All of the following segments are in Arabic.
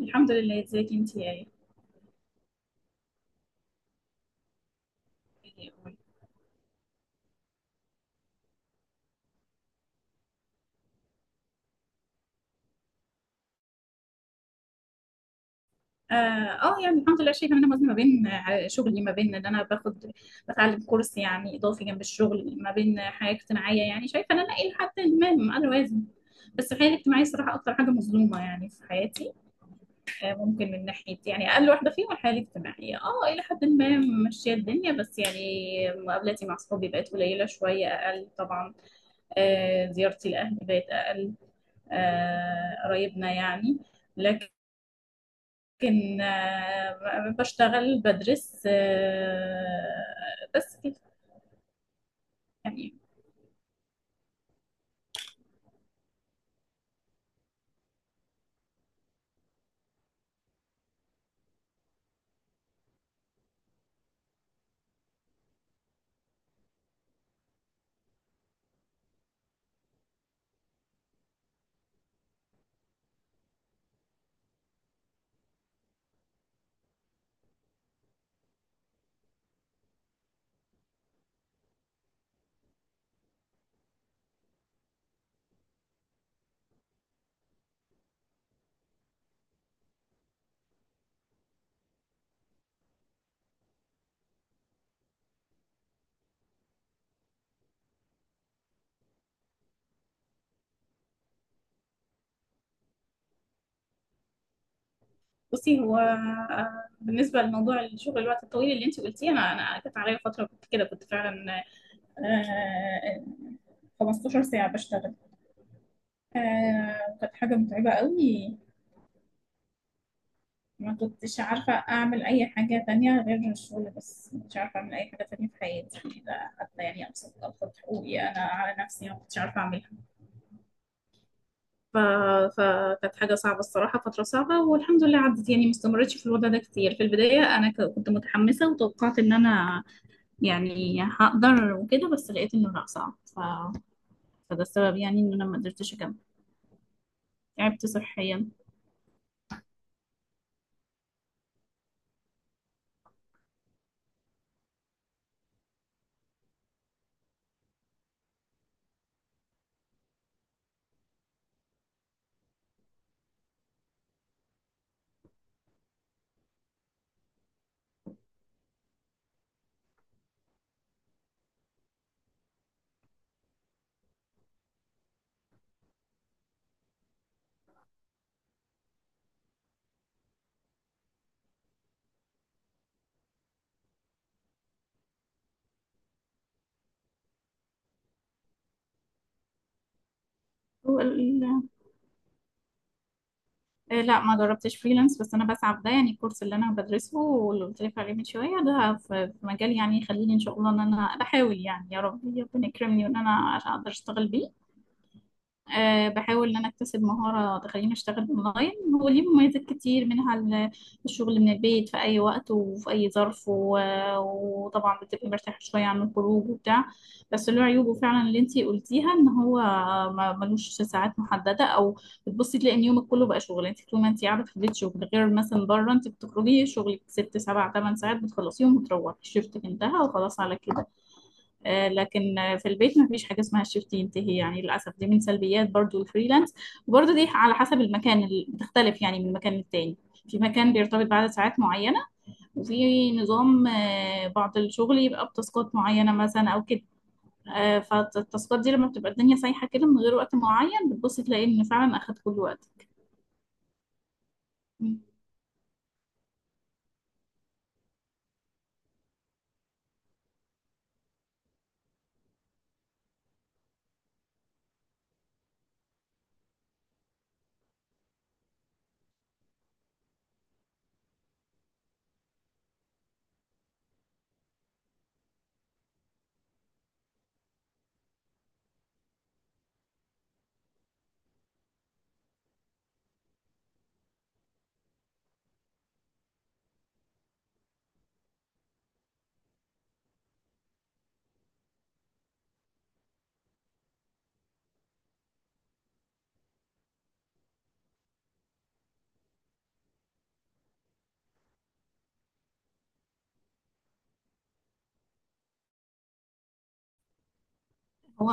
الحمد لله. ازيك انت؟ يا أمي؟ اه، يعني الحمد لله، شايفه ان انا موازنه ما بين شغلي، ما بين ان انا باخد بتعلم كورس يعني اضافي جنب الشغل، ما بين حياه اجتماعيه، يعني شايفه ان انا الى حد ما انا اوازن. بس الحياه الاجتماعيه الصراحه اكتر حاجه مظلومه يعني في حياتي. ممكن من ناحيه يعني اقل واحده فيهم الحياه الاجتماعيه. اه الى حد ما ماشيه الدنيا، بس يعني مقابلاتي مع صحابي بقت قليله شويه اقل طبعا. زيارتي لاهلي بقت اقل. قرايبنا يعني. لكن بشتغل بدرس، بس كده يعني. بصي، هو بالنسبة لموضوع الشغل الوقت الطويل اللي انت قلتيه، انا كانت عليا فترة، كنت كده، كنت فعلا آه، 15 ساعة بشتغل. كانت حاجة متعبة قوي. ما كنتش عارفة أعمل أي حاجة تانية غير الشغل، بس مش عارفة أعمل أي حاجة تانية في حياتي، لا حتى يعني أبسط أبسط حقوقي أنا على نفسي ما كنتش عارفة أعملها. ف... فكانت حاجة صعبة الصراحة، فترة صعبة، والحمد لله عدت يعني، ما استمرتش في الوضع ده كتير. في البداية أنا كنت متحمسة وتوقعت إن أنا يعني هقدر وكده، بس لقيت إنه لأ صعب. فده السبب يعني إن أنا ما قدرتش أكمل. تعبت صحيا. وال... آه، لا، ما جربتش فريلانس، بس أنا بسعى في ده، يعني الكورس اللي أنا بدرسه واللي قلت لك عليه من شوية ده في مجال يعني يخليني إن شاء الله إن أنا بحاول يعني، يا رب ربنا يكرمني، وإن أنا أقدر أشتغل بيه. بحاول إن أنا أكتسب مهارة تخليني أشتغل أونلاين. هو ليه مميزات كتير، منها الشغل من البيت في أي وقت وفي أي ظرف، وطبعا بتبقي مرتاحة شوية عن الخروج وبتاع. بس له عيوبه فعلا اللي أنتي قلتيها، إن هو ملوش ساعات محددة، أو بتبصي تلاقي إن يومك كله بقى شغل، أنت طول ما أنت قاعدة في البيت شغل، غير مثلا بره، أنت بتخرجي شغلك ست سبع تمن ساعات بتخلصيهم وتروحي، شفتك انتهى وخلاص على كده. لكن في البيت ما فيش حاجة اسمها الشيفت ينتهي، يعني للأسف دي من سلبيات برضو الفريلانس. وبرضو دي على حسب المكان اللي بتختلف يعني من مكان للتاني، في مكان بيرتبط بعدد ساعات معينة، وفي نظام بعض الشغل يبقى بتاسكات معينة مثلا أو كده. فالتاسكات دي لما بتبقى الدنيا سايحة كده من غير وقت معين، بتبص تلاقي إن فعلا أخد كل وقت. هو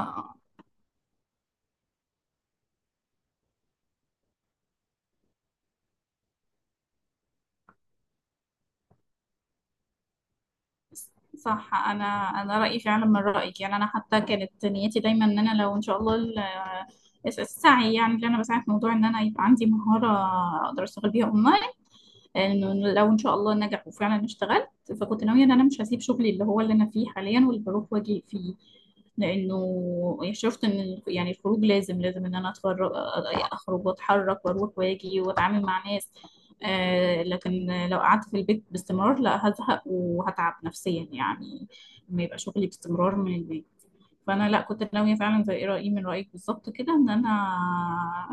صح، انا رايي فعلا من رايك، يعني انا حتى كانت نيتي دايما ان انا لو ان شاء الله السعي، يعني اللي انا بسعى في موضوع ان انا يبقى عندي مهاره اقدر اشتغل بيها اونلاين، انه لو ان شاء الله نجح وفعلا اشتغلت، فكنت ناويه ان انا مش هسيب شغلي اللي هو اللي انا فيه حاليا واللي بروح واجي فيه، لانه شفت ان يعني الخروج لازم لازم ان انا اتفرج، اخرج واتحرك واروح واجي واتعامل مع ناس. لكن لو قعدت في البيت باستمرار، لا هزهق وهتعب نفسيا يعني، لما يبقى شغلي باستمرار من البيت. فانا لا، كنت ناويه فعلا، زي ايه، رايي من رايك بالظبط كده، ان انا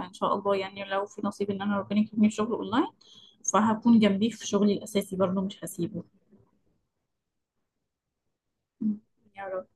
ان شاء الله يعني لو في نصيب ان انا ربنا يكرمني في شغل اونلاين، فهكون جنبيه في شغلي الاساسي برضه مش هسيبه. يا رب.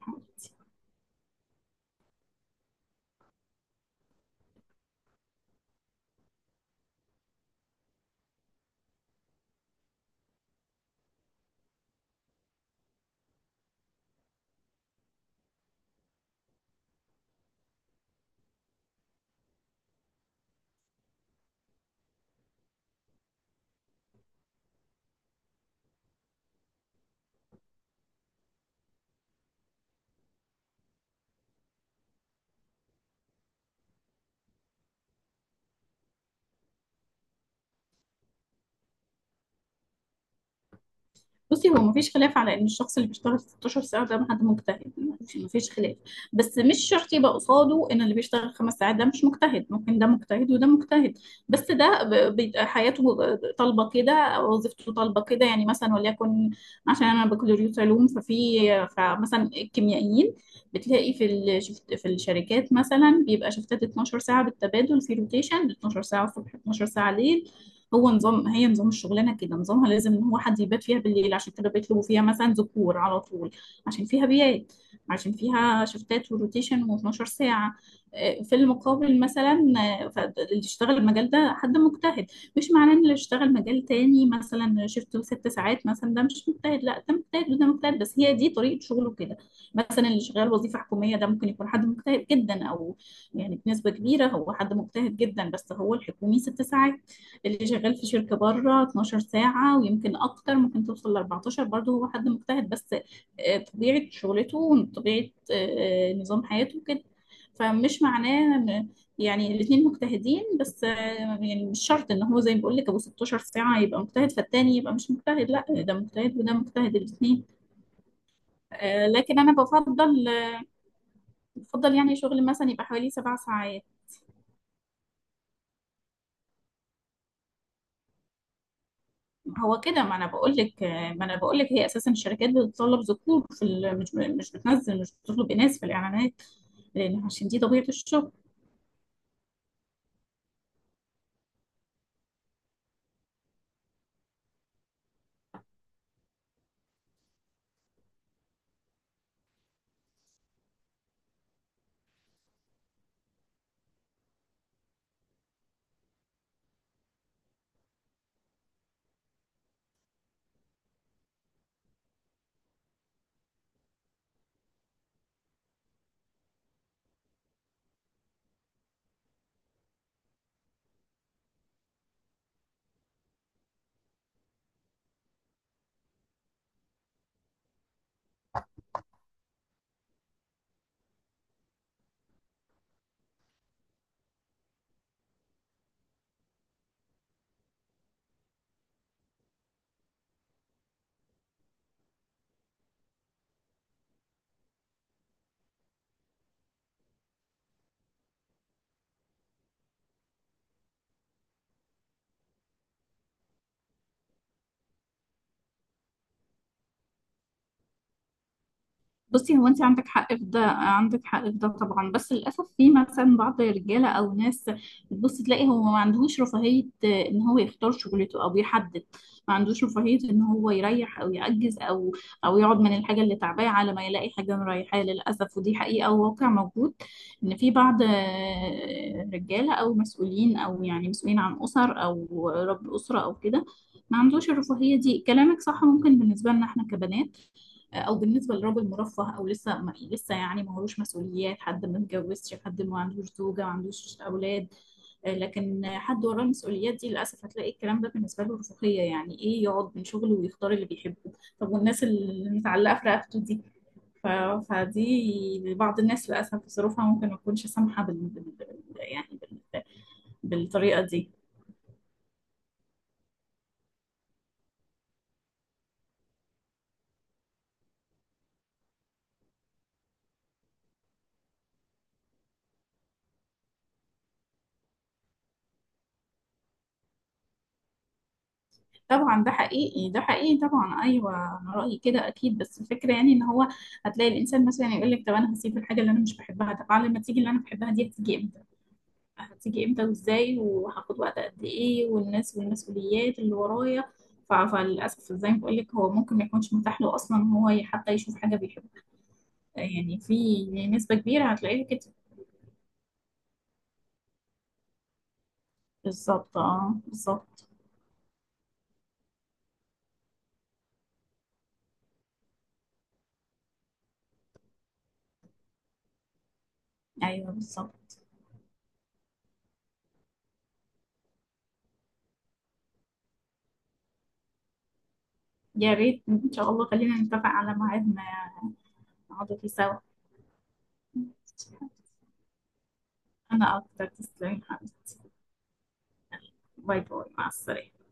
بصي، هو مفيش خلاف على ان الشخص اللي بيشتغل 16 ساعه ده حد مجتهد، مفيش خلاف. بس مش شرط يبقى قصاده ان اللي بيشتغل 5 ساعات ده مش مجتهد، ممكن ده مجتهد وده مجتهد. بس ده بيبقى حياته طالبه كده، او وظيفته طالبه كده، يعني مثلا وليكن عشان انا بكالوريوس علوم ففي، فمثلا الكيميائيين بتلاقي في الشفت في الشركات مثلا بيبقى شفتات 12 ساعه بالتبادل في روتيشن، 12 ساعه الصبح 12 ساعه ليل. هو نظام هي نظام الشغلانه كده، نظامها لازم ان هو حد يبات فيها بالليل، عشان كده بيطلبوا فيها مثلا ذكور على طول، عشان فيها بيات، عشان فيها شفتات وروتيشن و12 ساعه. في المقابل مثلا اللي يشتغل المجال ده حد مجتهد، مش معناه ان اللي يشتغل مجال تاني مثلا شفته 6 ساعات مثلا ده مش مجتهد، لا ده مجتهد وده مجتهد، بس هي دي طريقه شغله كده. مثلا اللي شغال وظيفه حكوميه ده ممكن يكون حد مجتهد جدا، او يعني بنسبه كبيره هو حد مجتهد جدا، بس هو الحكومي 6 ساعات، اللي شغال في شركة بره 12 ساعة ويمكن أكتر، ممكن توصل ل 14، برضه هو حد مجتهد، بس طبيعة شغلته وطبيعة نظام حياته كده. فمش معناه يعني الاتنين مجتهدين، بس يعني مش شرط ان هو زي ما بقول لك ابو 16 ساعة يبقى مجتهد فالتاني يبقى مش مجتهد، لا ده مجتهد وده مجتهد الاتنين. لكن انا بفضل يعني شغل مثلا يبقى حوالي 7 ساعات. هو كده، ما انا بقول لك هي اساسا الشركات بتطلب ذكور في مش بتنزل، مش بتطلب اناث في الاعلانات، لان عشان دي طبيعة الشغل. بصي، هو انت عندك حق في ده، عندك حق في ده طبعا، بس للاسف في مثلا بعض الرجاله او ناس بتبص تلاقي هو ما عندهوش رفاهيه ان هو يختار شغلته او يحدد، ما عندوش رفاهيه ان هو يريح او يعجز او يقعد من الحاجه اللي تعباه على ما يلاقي حاجه مريحاه، للاسف ودي حقيقه وواقع موجود. ان في بعض رجاله او مسؤولين، او يعني مسؤولين عن اسر او رب اسره او كده، ما عندوش الرفاهيه دي. كلامك صح ممكن بالنسبه لنا احنا كبنات، او بالنسبه لراجل مرفه، او لسه ما لسه يعني ما هوش مسؤوليات، حد ما اتجوزش، حد ما عندوش زوجه، ما عندوش اولاد. لكن حد وراه المسؤوليات دي، للاسف هتلاقي الكلام ده بالنسبه له رفاهيه، يعني ايه يقعد من شغله ويختار اللي بيحبه؟ طب والناس اللي متعلقه في رقبته دي؟ ف... فدي بعض الناس للاسف ظروفها ممكن ما تكونش سامحه يعني بال... بالطريقه دي. طبعا ده حقيقي، ده حقيقي طبعا، ايوه. انا رايي كده اكيد، بس الفكره يعني ان هو هتلاقي الانسان مثلا يقول لك طب انا هسيب الحاجه اللي انا مش بحبها، طب على ما تيجي اللي انا بحبها دي هتيجي امتى؟ هتيجي امتى وازاي وهاخد وقت قد ايه والناس والمسؤوليات اللي ورايا؟ فللاسف زي ما بقول لك هو ممكن ما يكونش متاح له اصلا ان هو حتى يشوف حاجه بيحبها، يعني في نسبه كبيره هتلاقيها كده. بالظبط، اه، بالظبط. ايوه بالظبط. يا ريت ان شاء الله خلينا نتفق على ميعاد ما نقعد فيه سوا. أنا أكتر، تسلمي حبيبتي. باي باي، مع السلامة.